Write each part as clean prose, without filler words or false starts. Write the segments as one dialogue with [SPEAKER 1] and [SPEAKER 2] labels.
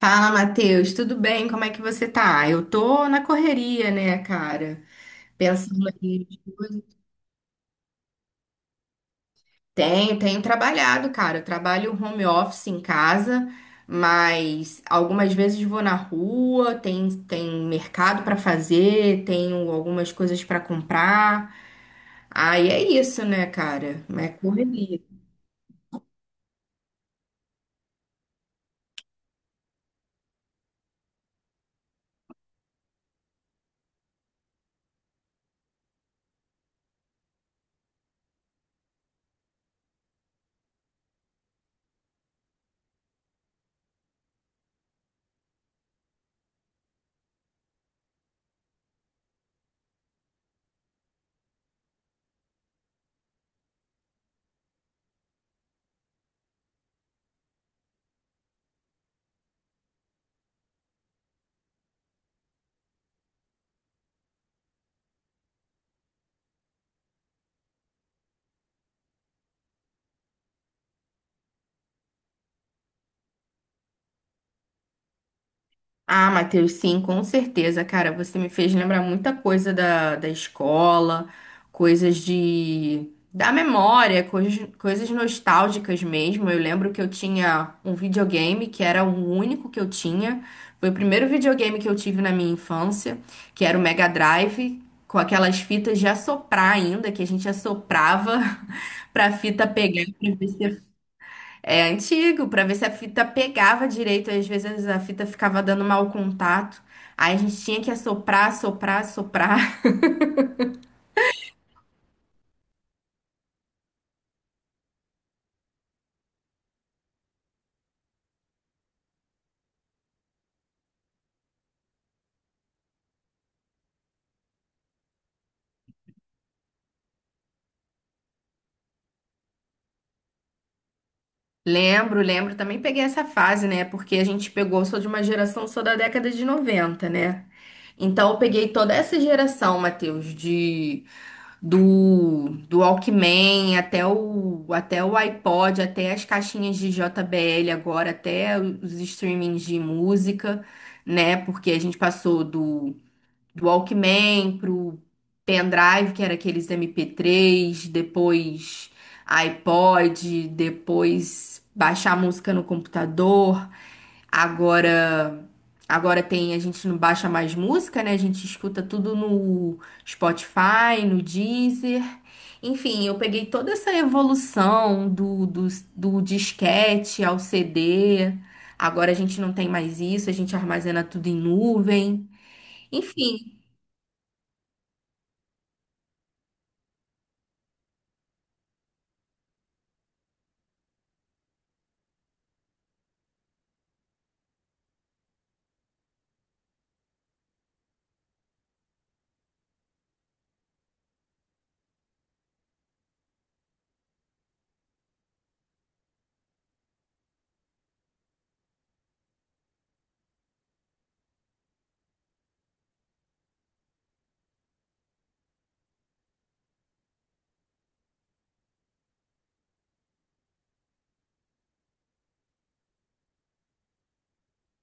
[SPEAKER 1] Fala, Matheus, tudo bem? Como é que você tá? Eu tô na correria, né, cara? Pensando aqui. Tenho trabalhado, cara. Eu trabalho home office em casa, mas algumas vezes vou na rua, tem mercado pra fazer, tenho algumas coisas pra comprar. Aí é isso, né, cara? É correria. Ah, Matheus, sim, com certeza, cara. Você me fez lembrar muita coisa da escola, coisas de da memória, coisas nostálgicas mesmo. Eu lembro que eu tinha um videogame que era o único que eu tinha. Foi o primeiro videogame que eu tive na minha infância, que era o Mega Drive, com aquelas fitas de assoprar ainda, que a gente assoprava pra fita pegar pra ver se é antigo, pra ver se a fita pegava direito. Às vezes a fita ficava dando mau contato. Aí a gente tinha que assoprar, assoprar, assoprar. Lembro, lembro. Também peguei essa fase, né? Porque a gente pegou, sou de uma geração, sou da década de noventa, né? Então eu peguei toda essa geração, Matheus, de do Walkman até o até o iPod, até as caixinhas de JBL agora, até os streamings de música, né? Porque a gente passou do Walkman pro pendrive, que era aqueles MP3, depois iPod, depois baixar a música no computador. Agora, agora tem, a gente não baixa mais música, né? A gente escuta tudo no Spotify, no Deezer. Enfim, eu peguei toda essa evolução do disquete ao CD. Agora a gente não tem mais isso, a gente armazena tudo em nuvem. Enfim,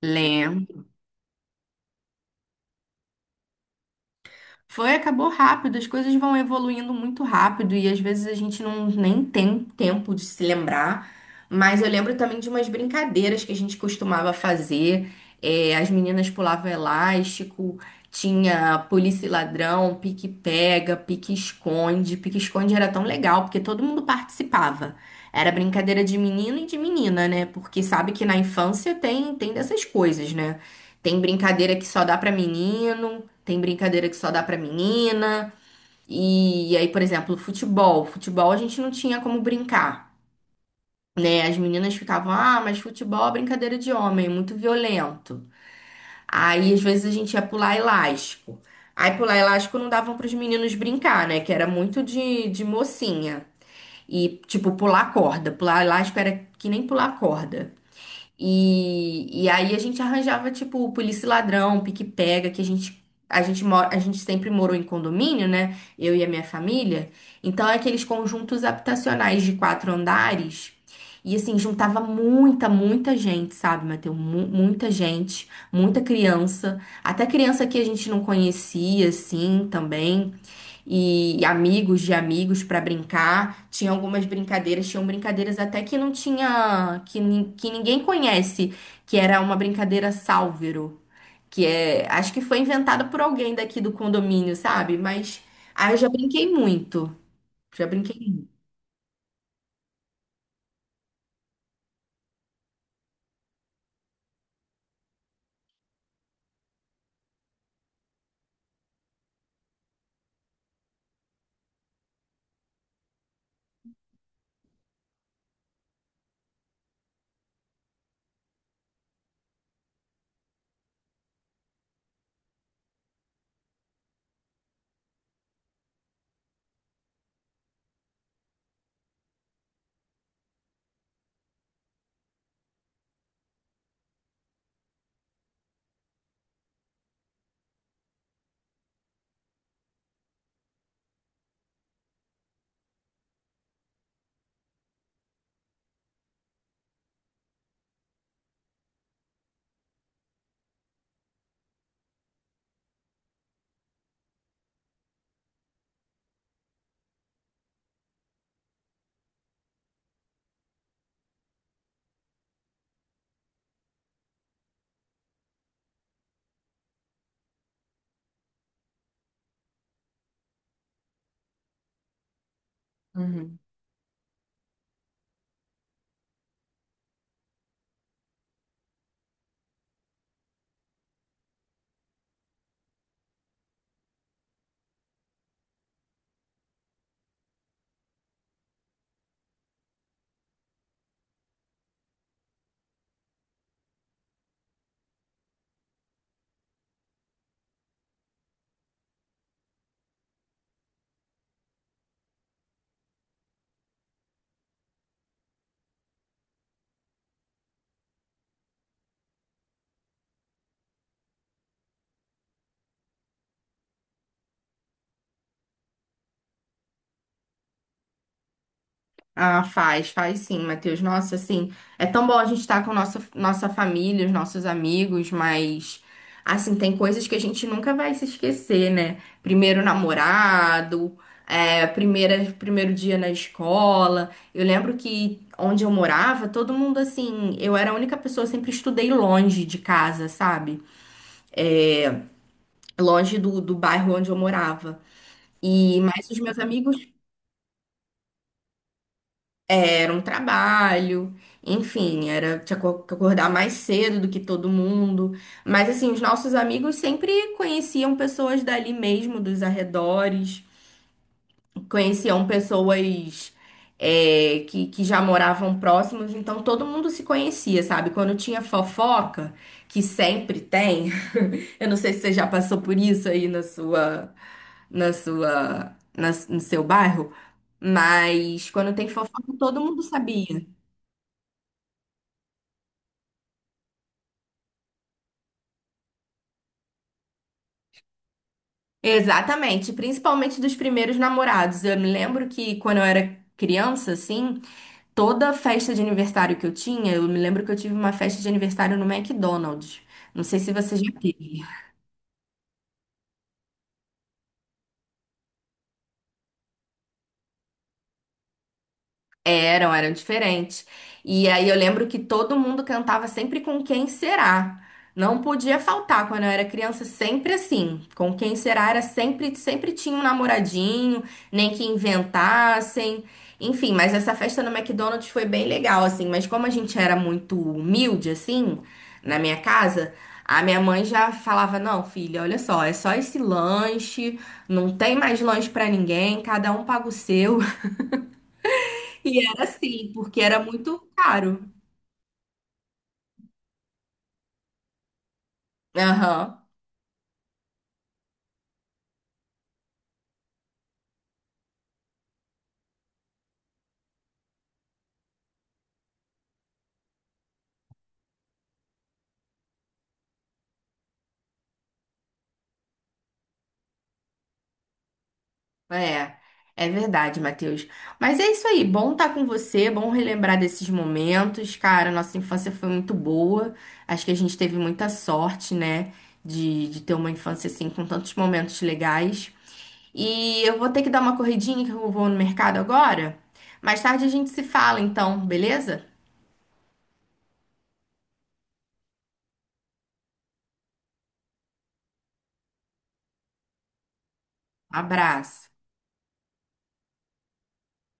[SPEAKER 1] lembro. Foi, acabou rápido, as coisas vão evoluindo muito rápido e às vezes a gente não nem tem tempo de se lembrar. Mas eu lembro também de umas brincadeiras que a gente costumava fazer. É, as meninas pulavam elástico, tinha polícia e ladrão, pique-pega, pique-esconde. Pique-esconde era tão legal porque todo mundo participava. Era brincadeira de menino e de menina, né? Porque sabe que na infância tem dessas coisas, né? Tem brincadeira que só dá pra menino. Tem brincadeira que só dá pra menina. E, aí, por exemplo, futebol. Futebol a gente não tinha como brincar, né? As meninas ficavam, ah, mas futebol é brincadeira de homem, muito violento. Aí, às vezes, a gente ia pular elástico. Aí, pular elástico não davam pros meninos brincar, né? Que era muito de mocinha. E, tipo, pular corda. Pular elástico era que nem pular corda. E, aí a gente arranjava, tipo, polícia e ladrão, pique-pega, que a gente mora, a gente sempre morou em condomínio, né? Eu e a minha família. Então, é aqueles conjuntos habitacionais de quatro andares. E assim, juntava muita, muita gente, sabe, Matheus? Muita gente, muita criança. Até criança que a gente não conhecia, assim, também e amigos de amigos para brincar. Tinha algumas brincadeiras, tinham brincadeiras até que não tinha, que, que ninguém conhece, que era uma brincadeira sálvero, que é, acho que foi inventada por alguém daqui do condomínio, sabe? Mas ah eu já brinquei muito, já brinquei muito. Uhum. Ah, faz, faz sim, Matheus. Nossa, assim, é tão bom a gente estar com nossa, nossa família, os nossos amigos, mas, assim, tem coisas que a gente nunca vai se esquecer, né? Primeiro namorado, é, primeira, primeiro dia na escola. Eu lembro que onde eu morava, todo mundo, assim, eu era a única pessoa, sempre estudei longe de casa, sabe? Longe do bairro onde eu morava. E, mais os meus amigos era um trabalho, enfim, era que acordar mais cedo do que todo mundo. Mas assim, os nossos amigos sempre conheciam pessoas dali mesmo, dos arredores, conheciam pessoas é, que já moravam próximos, então todo mundo se conhecia, sabe? Quando tinha fofoca, que sempre tem, eu não sei se você já passou por isso aí na sua, no seu bairro, mas quando tem fofoca, todo mundo sabia. Exatamente, principalmente dos primeiros namorados. Eu me lembro que quando eu era criança, assim, toda festa de aniversário que eu tinha, eu me lembro que eu tive uma festa de aniversário no McDonald's. Não sei se você já teve. Eram, eram diferentes. E aí eu lembro que todo mundo cantava sempre com quem será. Não podia faltar quando eu era criança, sempre assim. Com quem será era sempre, sempre tinha um namoradinho, nem que inventassem. Enfim, mas essa festa no McDonald's foi bem legal, assim. Mas como a gente era muito humilde, assim, na minha casa, a minha mãe já falava: não, filha, olha só, é só esse lanche, não tem mais lanche pra ninguém, cada um paga o seu. E era assim, porque era muito caro. Aham, é. É verdade, Matheus. Mas é isso aí, bom estar com você, bom relembrar desses momentos. Cara, nossa infância foi muito boa. Acho que a gente teve muita sorte, né, de ter uma infância assim, com tantos momentos legais. E eu vou ter que dar uma corridinha, que eu vou no mercado agora. Mais tarde a gente se fala, então, beleza? Abraço.